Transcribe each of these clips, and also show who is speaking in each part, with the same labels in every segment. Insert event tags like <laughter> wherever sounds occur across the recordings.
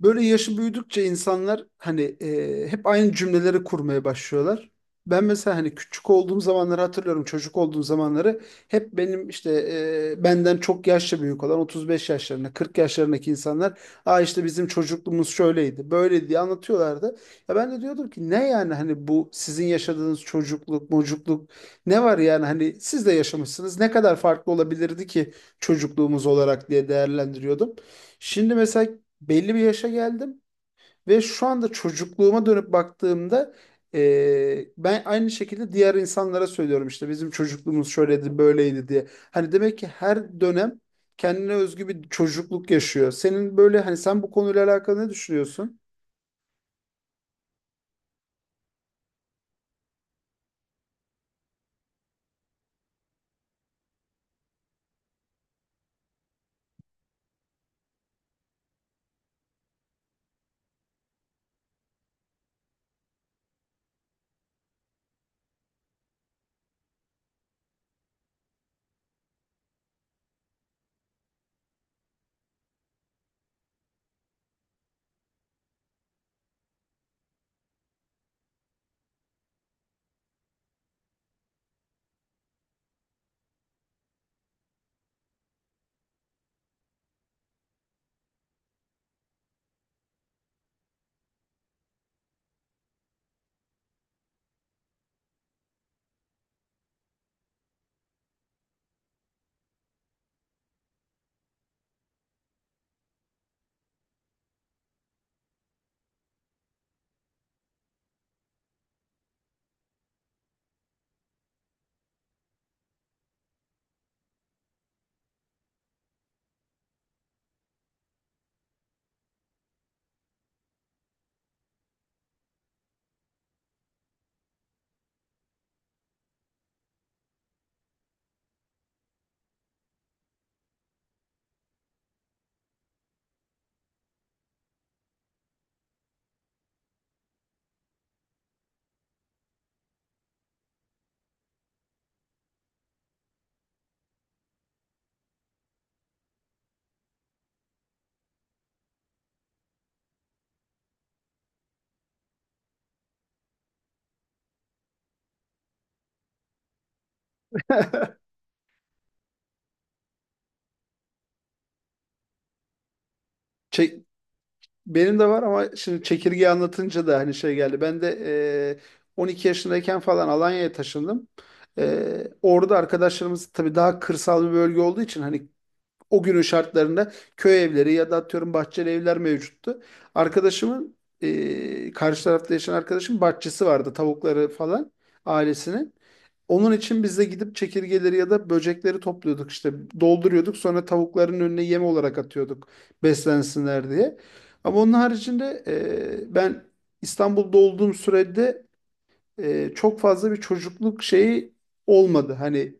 Speaker 1: Böyle yaşı büyüdükçe insanlar hani hep aynı cümleleri kurmaya başlıyorlar. Ben mesela hani küçük olduğum zamanları hatırlıyorum, çocuk olduğum zamanları hep benim işte benden çok yaşça büyük olan 35 yaşlarında, 40 yaşlarındaki insanlar işte bizim çocukluğumuz şöyleydi, böyleydi diye anlatıyorlardı. Ya ben de diyordum ki ne yani hani bu sizin yaşadığınız çocukluk, mocukluk ne var yani hani siz de yaşamışsınız ne kadar farklı olabilirdi ki çocukluğumuz olarak diye değerlendiriyordum. Şimdi mesela belli bir yaşa geldim ve şu anda çocukluğuma dönüp baktığımda ben aynı şekilde diğer insanlara söylüyorum işte bizim çocukluğumuz şöyleydi böyleydi diye. Hani demek ki her dönem kendine özgü bir çocukluk yaşıyor. Senin böyle hani sen bu konuyla alakalı ne düşünüyorsun? Çe- Benim de var ama şimdi çekirgeyi anlatınca da hani şey geldi. Ben de 12 yaşındayken falan Alanya'ya taşındım. E, orada arkadaşlarımız tabii daha kırsal bir bölge olduğu için hani o günün şartlarında köy evleri ya da atıyorum bahçeli evler mevcuttu. Arkadaşımın karşı tarafta yaşayan arkadaşım bahçesi vardı, tavukları falan ailesinin. Onun için biz de gidip çekirgeleri ya da böcekleri topluyorduk, işte dolduruyorduk, sonra tavukların önüne yem olarak atıyorduk beslensinler diye. Ama onun haricinde ben İstanbul'da olduğum sürede çok fazla bir çocukluk şeyi olmadı. Hani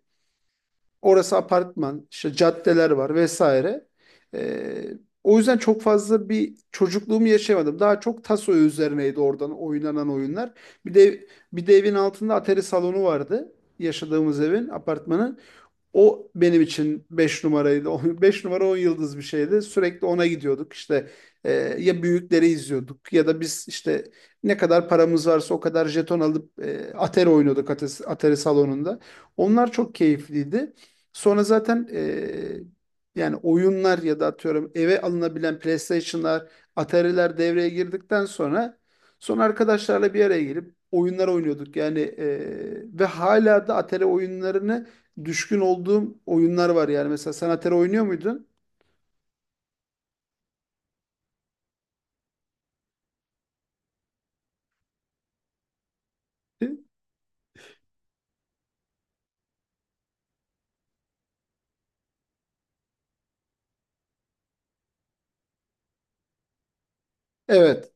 Speaker 1: orası apartman, işte caddeler var vesaire. Ee, O yüzden çok fazla bir çocukluğumu yaşayamadım. Daha çok taso üzerineydi oradan oynanan oyunlar. Bir de bir de evin altında atari salonu vardı. Yaşadığımız evin, apartmanın. O benim için 5 numaraydı. <laughs> 5 numara 10 yıldız bir şeydi. Sürekli ona gidiyorduk. İşte e, ya büyükleri izliyorduk ya da biz işte ne kadar paramız varsa o kadar jeton alıp Atari oynuyorduk, Atari salonunda. Onlar çok keyifliydi. Sonra zaten yani oyunlar ya da atıyorum eve alınabilen PlayStation'lar, Atari'ler devreye girdikten sonra son arkadaşlarla bir araya gelip oyunlar oynuyorduk. Yani ve hala da Atari oyunlarını düşkün olduğum oyunlar var yani. Mesela sen Atari oynuyor muydun? Evet.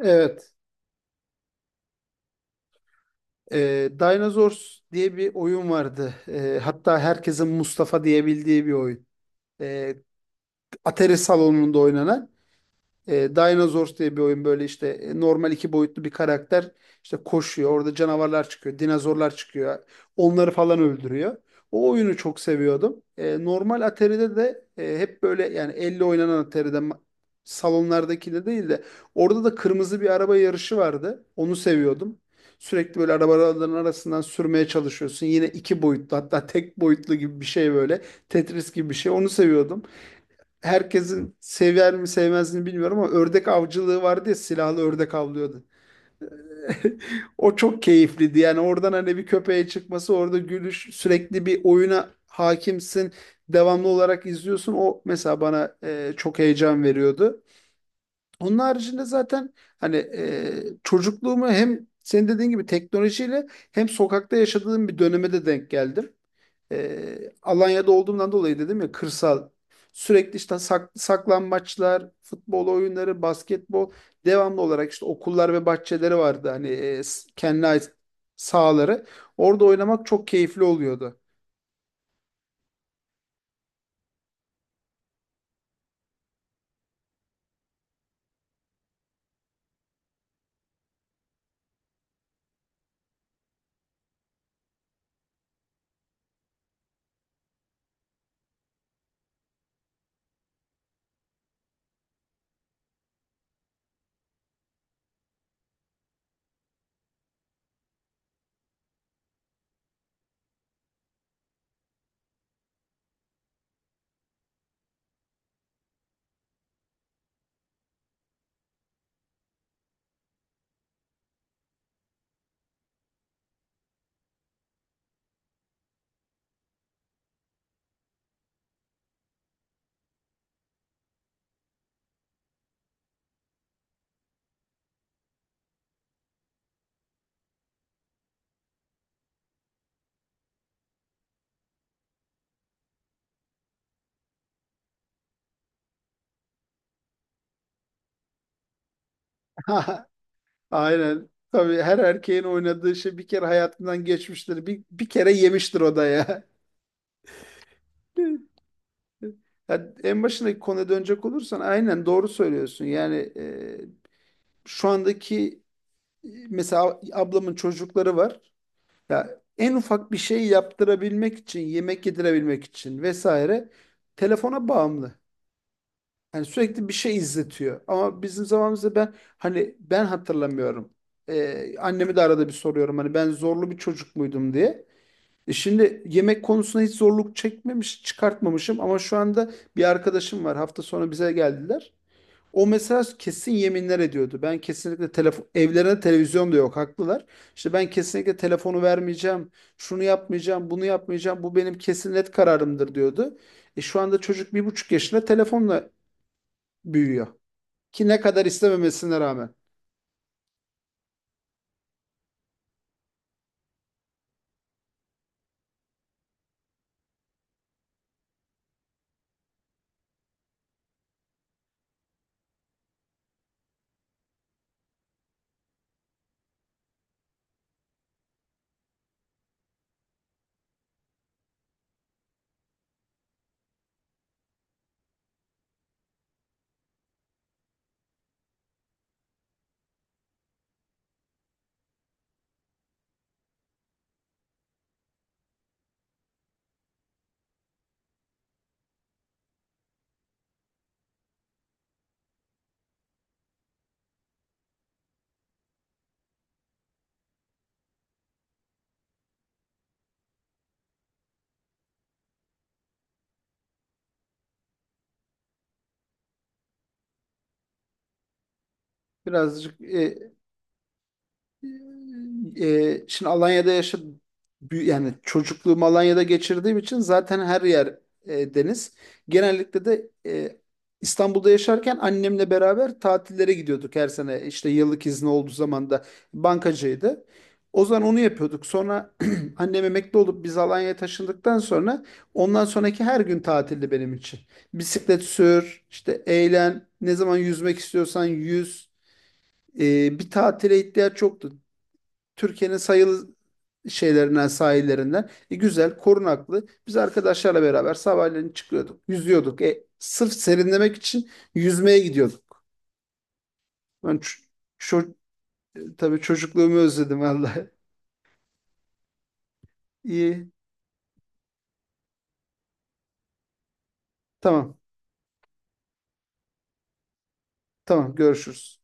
Speaker 1: Evet. Dinosaurs diye bir oyun vardı. Hatta herkesin Mustafa diyebildiği bir oyun. Ee, Atari salonunda oynanan. E, Dinosaurs diye bir oyun böyle, işte normal iki boyutlu bir karakter işte koşuyor. Orada canavarlar çıkıyor, dinozorlar çıkıyor. Onları falan öldürüyor. O oyunu çok seviyordum. E, normal Atari'de de hep böyle, yani elle oynanan Atari'de, salonlardakinde değil de, orada da kırmızı bir araba yarışı vardı. Onu seviyordum. Sürekli böyle arabaların arasından sürmeye çalışıyorsun. Yine iki boyutlu, hatta tek boyutlu gibi bir şey böyle. Tetris gibi bir şey. Onu seviyordum, herkesin sever mi sevmezini bilmiyorum ama ördek avcılığı vardı ya, silahlı ördek avlıyordu. <laughs> O çok keyifliydi. Yani oradan hani bir köpeğe çıkması, orada gülüş, sürekli bir oyuna hakimsin. Devamlı olarak izliyorsun. O mesela bana çok heyecan veriyordu. Onun haricinde zaten hani çocukluğumu hem senin dediğin gibi teknolojiyle hem sokakta yaşadığım bir döneme de denk geldim. E, Alanya'da olduğumdan dolayı dedim ya, kırsal. Sürekli işte saklambaçlar, futbol oyunları, basketbol, devamlı olarak işte okullar ve bahçeleri vardı, hani kendine ait sahaları. Orada oynamak çok keyifli oluyordu. <laughs> Aynen. Tabii her erkeğin oynadığı şey bir kere hayatından geçmiştir. Bir kere yemiştir o da ya. <laughs> Ya en başındaki konuya dönecek olursan aynen doğru söylüyorsun. Yani şu andaki, mesela ablamın çocukları var. Ya en ufak bir şey yaptırabilmek için, yemek yedirebilmek için vesaire telefona bağımlı. Yani sürekli bir şey izletiyor. Ama bizim zamanımızda hani ben hatırlamıyorum. Annemi de arada bir soruyorum hani ben zorlu bir çocuk muydum diye. E şimdi yemek konusunda hiç zorluk çekmemiş, çıkartmamışım ama şu anda bir arkadaşım var. Hafta sonu bize geldiler. O mesela kesin yeminler ediyordu. Ben kesinlikle telefon, evlerine televizyon da yok, haklılar. İşte ben kesinlikle telefonu vermeyeceğim. Şunu yapmayacağım, bunu yapmayacağım. Bu benim kesin net kararımdır diyordu. E şu anda çocuk 1,5 yaşında telefonla büyüyor. Ki ne kadar istememesine rağmen. Birazcık şimdi Alanya'da yaşadım. Yani çocukluğumu Alanya'da geçirdiğim için zaten her yer deniz. Genellikle de İstanbul'da yaşarken annemle beraber tatillere gidiyorduk her sene. İşte yıllık izni olduğu zaman da bankacıydı. O zaman onu yapıyorduk. Sonra <clears throat> annem emekli olup biz Alanya'ya taşındıktan sonra ondan sonraki her gün tatildi benim için. Bisiklet sür, işte eğlen, ne zaman yüzmek istiyorsan yüz. E, bir tatile ihtiyaç yoktu. Türkiye'nin sayılı şeylerinden, sahillerinden. E, güzel, korunaklı. Biz arkadaşlarla beraber sabahleyin çıkıyorduk, yüzüyorduk. E, sırf serinlemek için yüzmeye gidiyorduk. Ben ç- ço- tabii çocukluğumu özledim vallahi. <laughs> İyi, tamam, tamam, görüşürüz.